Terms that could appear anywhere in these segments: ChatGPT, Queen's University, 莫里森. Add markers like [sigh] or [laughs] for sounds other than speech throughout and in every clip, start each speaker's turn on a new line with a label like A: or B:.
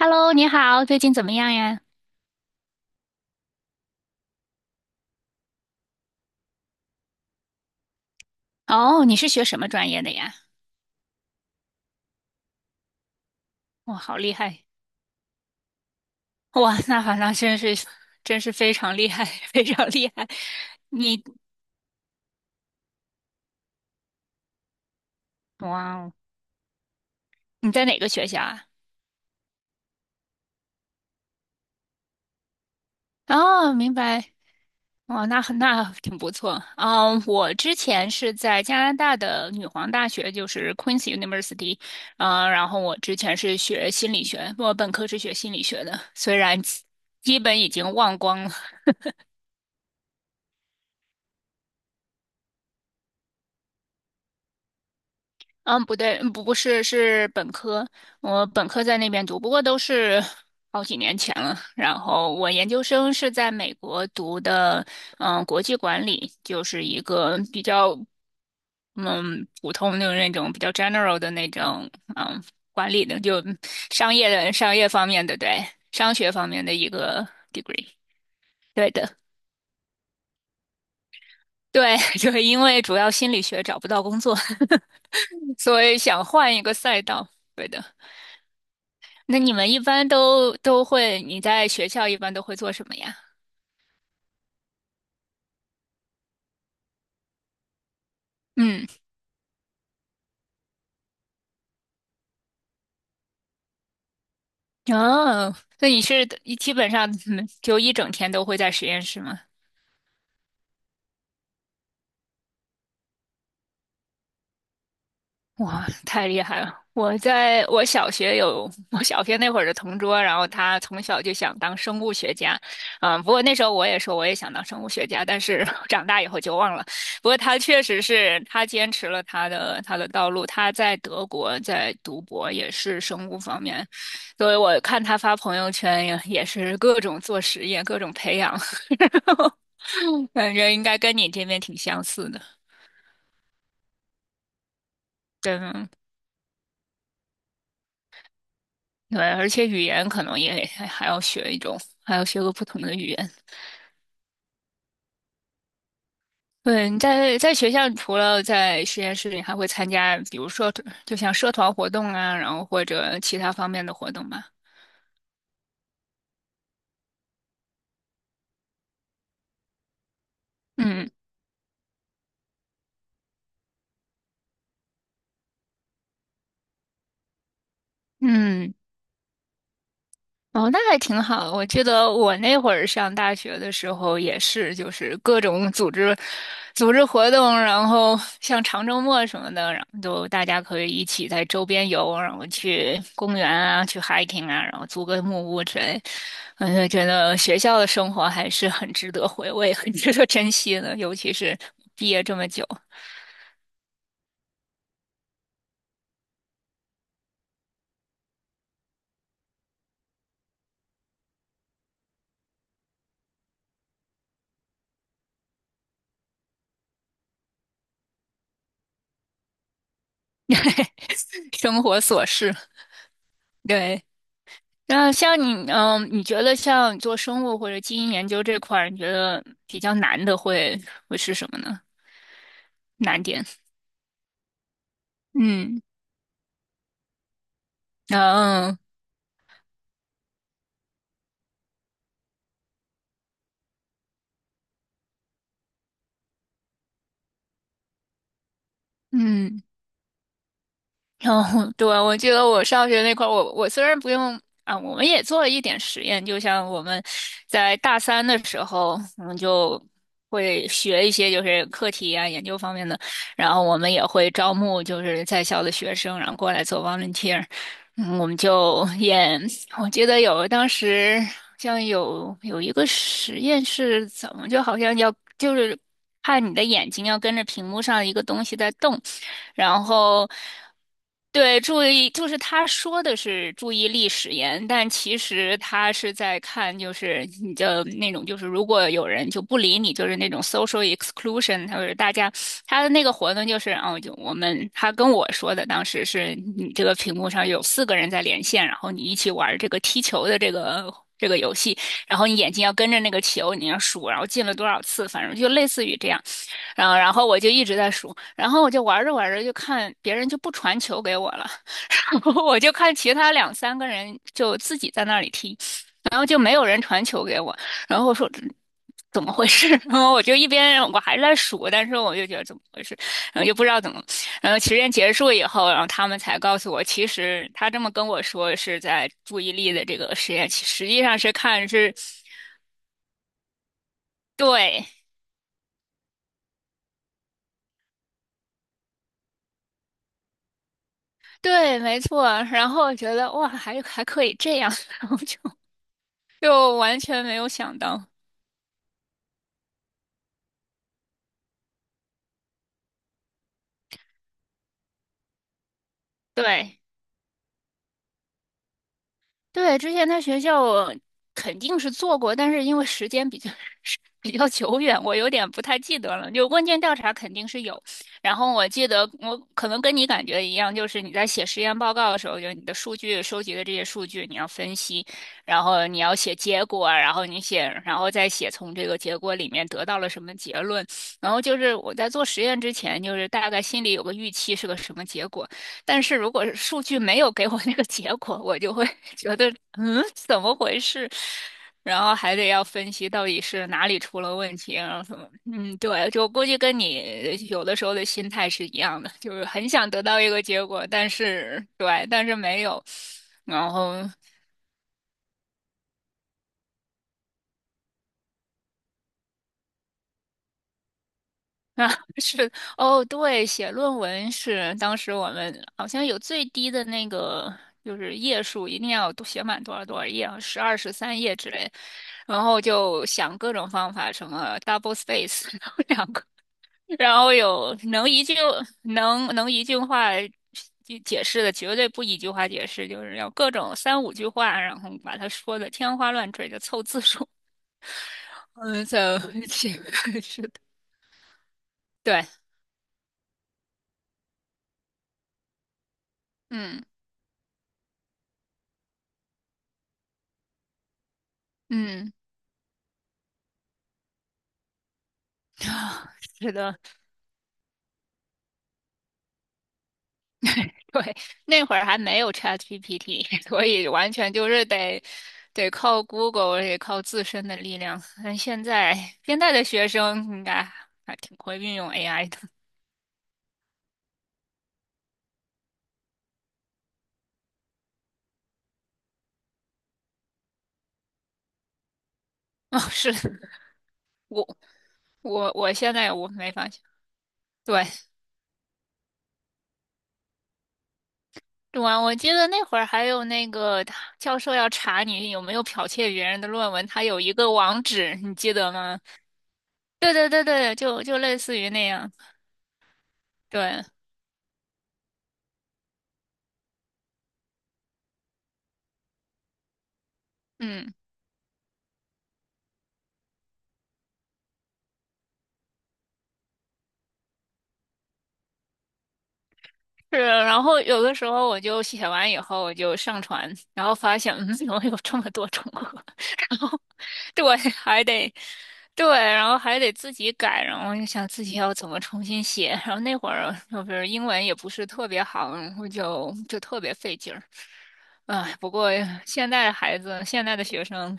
A: Hello，你好，最近怎么样呀？哦，你是学什么专业的呀？哇，好厉害！哇，那好，那真是非常厉害，[laughs] 非常厉害。你哇哦，你在哪个学校啊？哦，明白。哇，那挺不错。啊。我之前是在加拿大的女皇大学，就是 Queen's University。啊，然后我之前是学心理学，我本科是学心理学的，虽然基本已经忘光了。嗯，不对，不是，是本科，我本科在那边读，不过都是好几年前了。然后我研究生是在美国读的，嗯，国际管理，就是一个比较嗯普通的那种比较 general 的那种嗯管理的，就商业的商业方面的，对，商学方面的一个 degree，对的。对，[laughs] 就是因为主要心理学找不到工作，[laughs] 所以想换一个赛道。对的。那你们一般都会，你在学校一般都会做什么呀？嗯。哦，那你是基本上就一整天都会在实验室吗？哇，太厉害了！我在我小学有我小学那会儿的同桌，然后他从小就想当生物学家。嗯，不过那时候我也说我也想当生物学家，但是 [laughs] 长大以后就忘了。不过他确实是他坚持了他的道路，他在德国在读博也是生物方面，所以我看他发朋友圈也是各种做实验，各种培养，[laughs] 感觉应该跟你这边挺相似的。对，对，而且语言可能也还要学一种，还要学个不同的语言。对，你在学校除了在实验室里，还会参加，比如说就像社团活动啊，然后或者其他方面的活动吧。嗯嗯。哦，那还挺好。我记得我那会儿上大学的时候也是，就是各种组织、组织活动，然后像长周末什么的，然后就大家可以一起在周边游，然后去公园啊，去 hiking 啊，然后租个木屋之类。嗯，就觉得学校的生活还是很值得回味、很 [laughs] 值得珍惜的，尤其是毕业这么久。[laughs] 生活琐事。对，那像你，嗯，你觉得像做生物或者基因研究这块儿，你觉得比较难的会是什么呢？难点？嗯，嗯嗯。[laughs] 然后，对，我记得我上学那块儿，我虽然不用啊，我们也做了一点实验，就像我们在大三的时候，我们就会学一些就是课题啊、研究方面的，然后我们也会招募就是在校的学生，然后过来做 volunteer。嗯，我们就演。我记得有当时好像有一个实验是怎么，就好像要就是看你的眼睛要跟着屏幕上一个东西在动，然后。对，注意，就是他说的是注意力使言，但其实他是在看，就是你的那种，就是如果有人就不理你，就是那种 social exclusion，他就是大家他的那个活动就是，哦，就我们他跟我说的，当时是你这个屏幕上有四个人在连线，然后你一起玩这个踢球的这个游戏，然后你眼睛要跟着那个球，你要数，然后进了多少次，反正就类似于这样。然后我就一直在数，然后我就玩着玩着就看别人就不传球给我了。[laughs] 我就看其他两三个人就自己在那里踢，然后就没有人传球给我，然后我说怎么回事？[laughs] 然后我就一边我还在数，但是我就觉得怎么回事，然后就不知道怎么，然后实验结束以后，然后他们才告诉我，其实他这么跟我说是在注意力的这个实验，实际上是看是。对，对，没错。然后我觉得哇，还可以这样。[laughs] 然后就就完全没有想到。对对，之前在学校我肯定是做过，但是因为时间比较久远，我有点不太记得了。就问卷调查肯定是有，然后我记得我可能跟你感觉一样，就是你在写实验报告的时候，就是你的数据收集的这些数据，你要分析，然后你要写结果啊，然后你写，然后再写从这个结果里面得到了什么结论。然后就是我在做实验之前，就是大概心里有个预期是个什么结果，但是如果是数据没有给我那个结果，我就会 [laughs] 觉得嗯，怎么回事？然后还得要分析到底是哪里出了问题，然后什么，嗯，对，就估计跟你有的时候的心态是一样的，就是很想得到一个结果，但是对，但是没有，然后啊 [laughs] 是哦，对，写论文是当时我们好像有最低的那个就是页数，一定要都写满多少多少页，啊，十二十三页之类，然后就想各种方法，什么 double space，[laughs] 然后两个。然后有能一句话解释的，绝对不一句话解释，就是要各种三五句话，然后把它说的天花乱坠的凑字数。[laughs] 嗯，在这个 [laughs] 是的，对，嗯嗯，[laughs] 啊是的，对，那会儿还没有 ChatGPT，[laughs] 所以完全就是得靠 Google，得靠自身的力量。但现在的学生应该还挺会运用 AI 的。[laughs] 哦，是我。我现在我没发现。对，对啊，我记得那会儿还有那个他教授要查你有没有剽窃别人的论文，他有一个网址，你记得吗？对对对对，就类似于那样。对，嗯。是，然后有的时候我就写完以后，我就上传，然后发现，嗯，怎么有这么多重合？[laughs] 然后，对，还得，对，然后还得自己改，然后我就想自己要怎么重新写。然后那会儿就是英文也不是特别好，然后就特别费劲儿。唉，不过现在的孩子，现在的学生，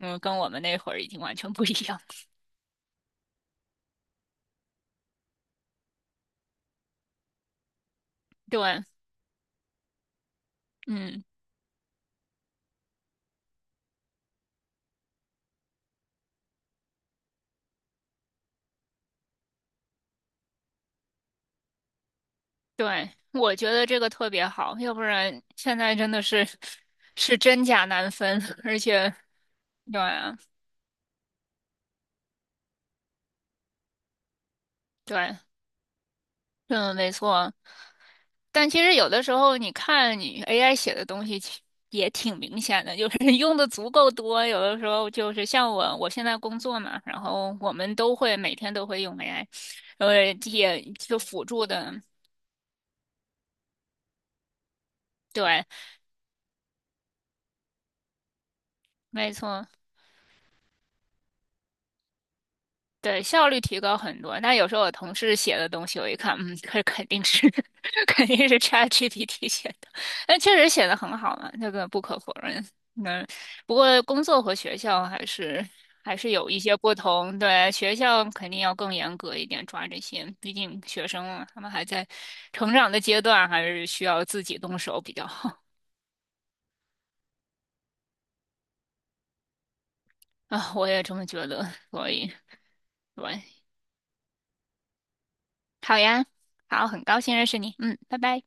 A: 嗯，跟我们那会儿已经完全不一样。对，嗯。对，我觉得这个特别好，要不然现在真的是是真假难分。而且对啊对，嗯，没错。但其实有的时候你看你 AI 写的东西也挺明显的，就是 [laughs] 用的足够多，有的时候就是像我现在工作嘛，然后我们都会每天都会用 AI，呃，也就辅助的，对，没错。对，效率提高很多。但有时候我同事写的东西，我一看，嗯，这肯定是 [laughs] 肯定是 ChatGPT 写的，但确实写的很好嘛，这个不可否认。嗯，不过工作和学校还是有一些不同。对，学校肯定要更严格一点抓这些，毕竟学生嘛，他们还在成长的阶段，还是需要自己动手比较好。啊，我也这么觉得，所以对，好呀，好，很高兴认识你，嗯，拜拜。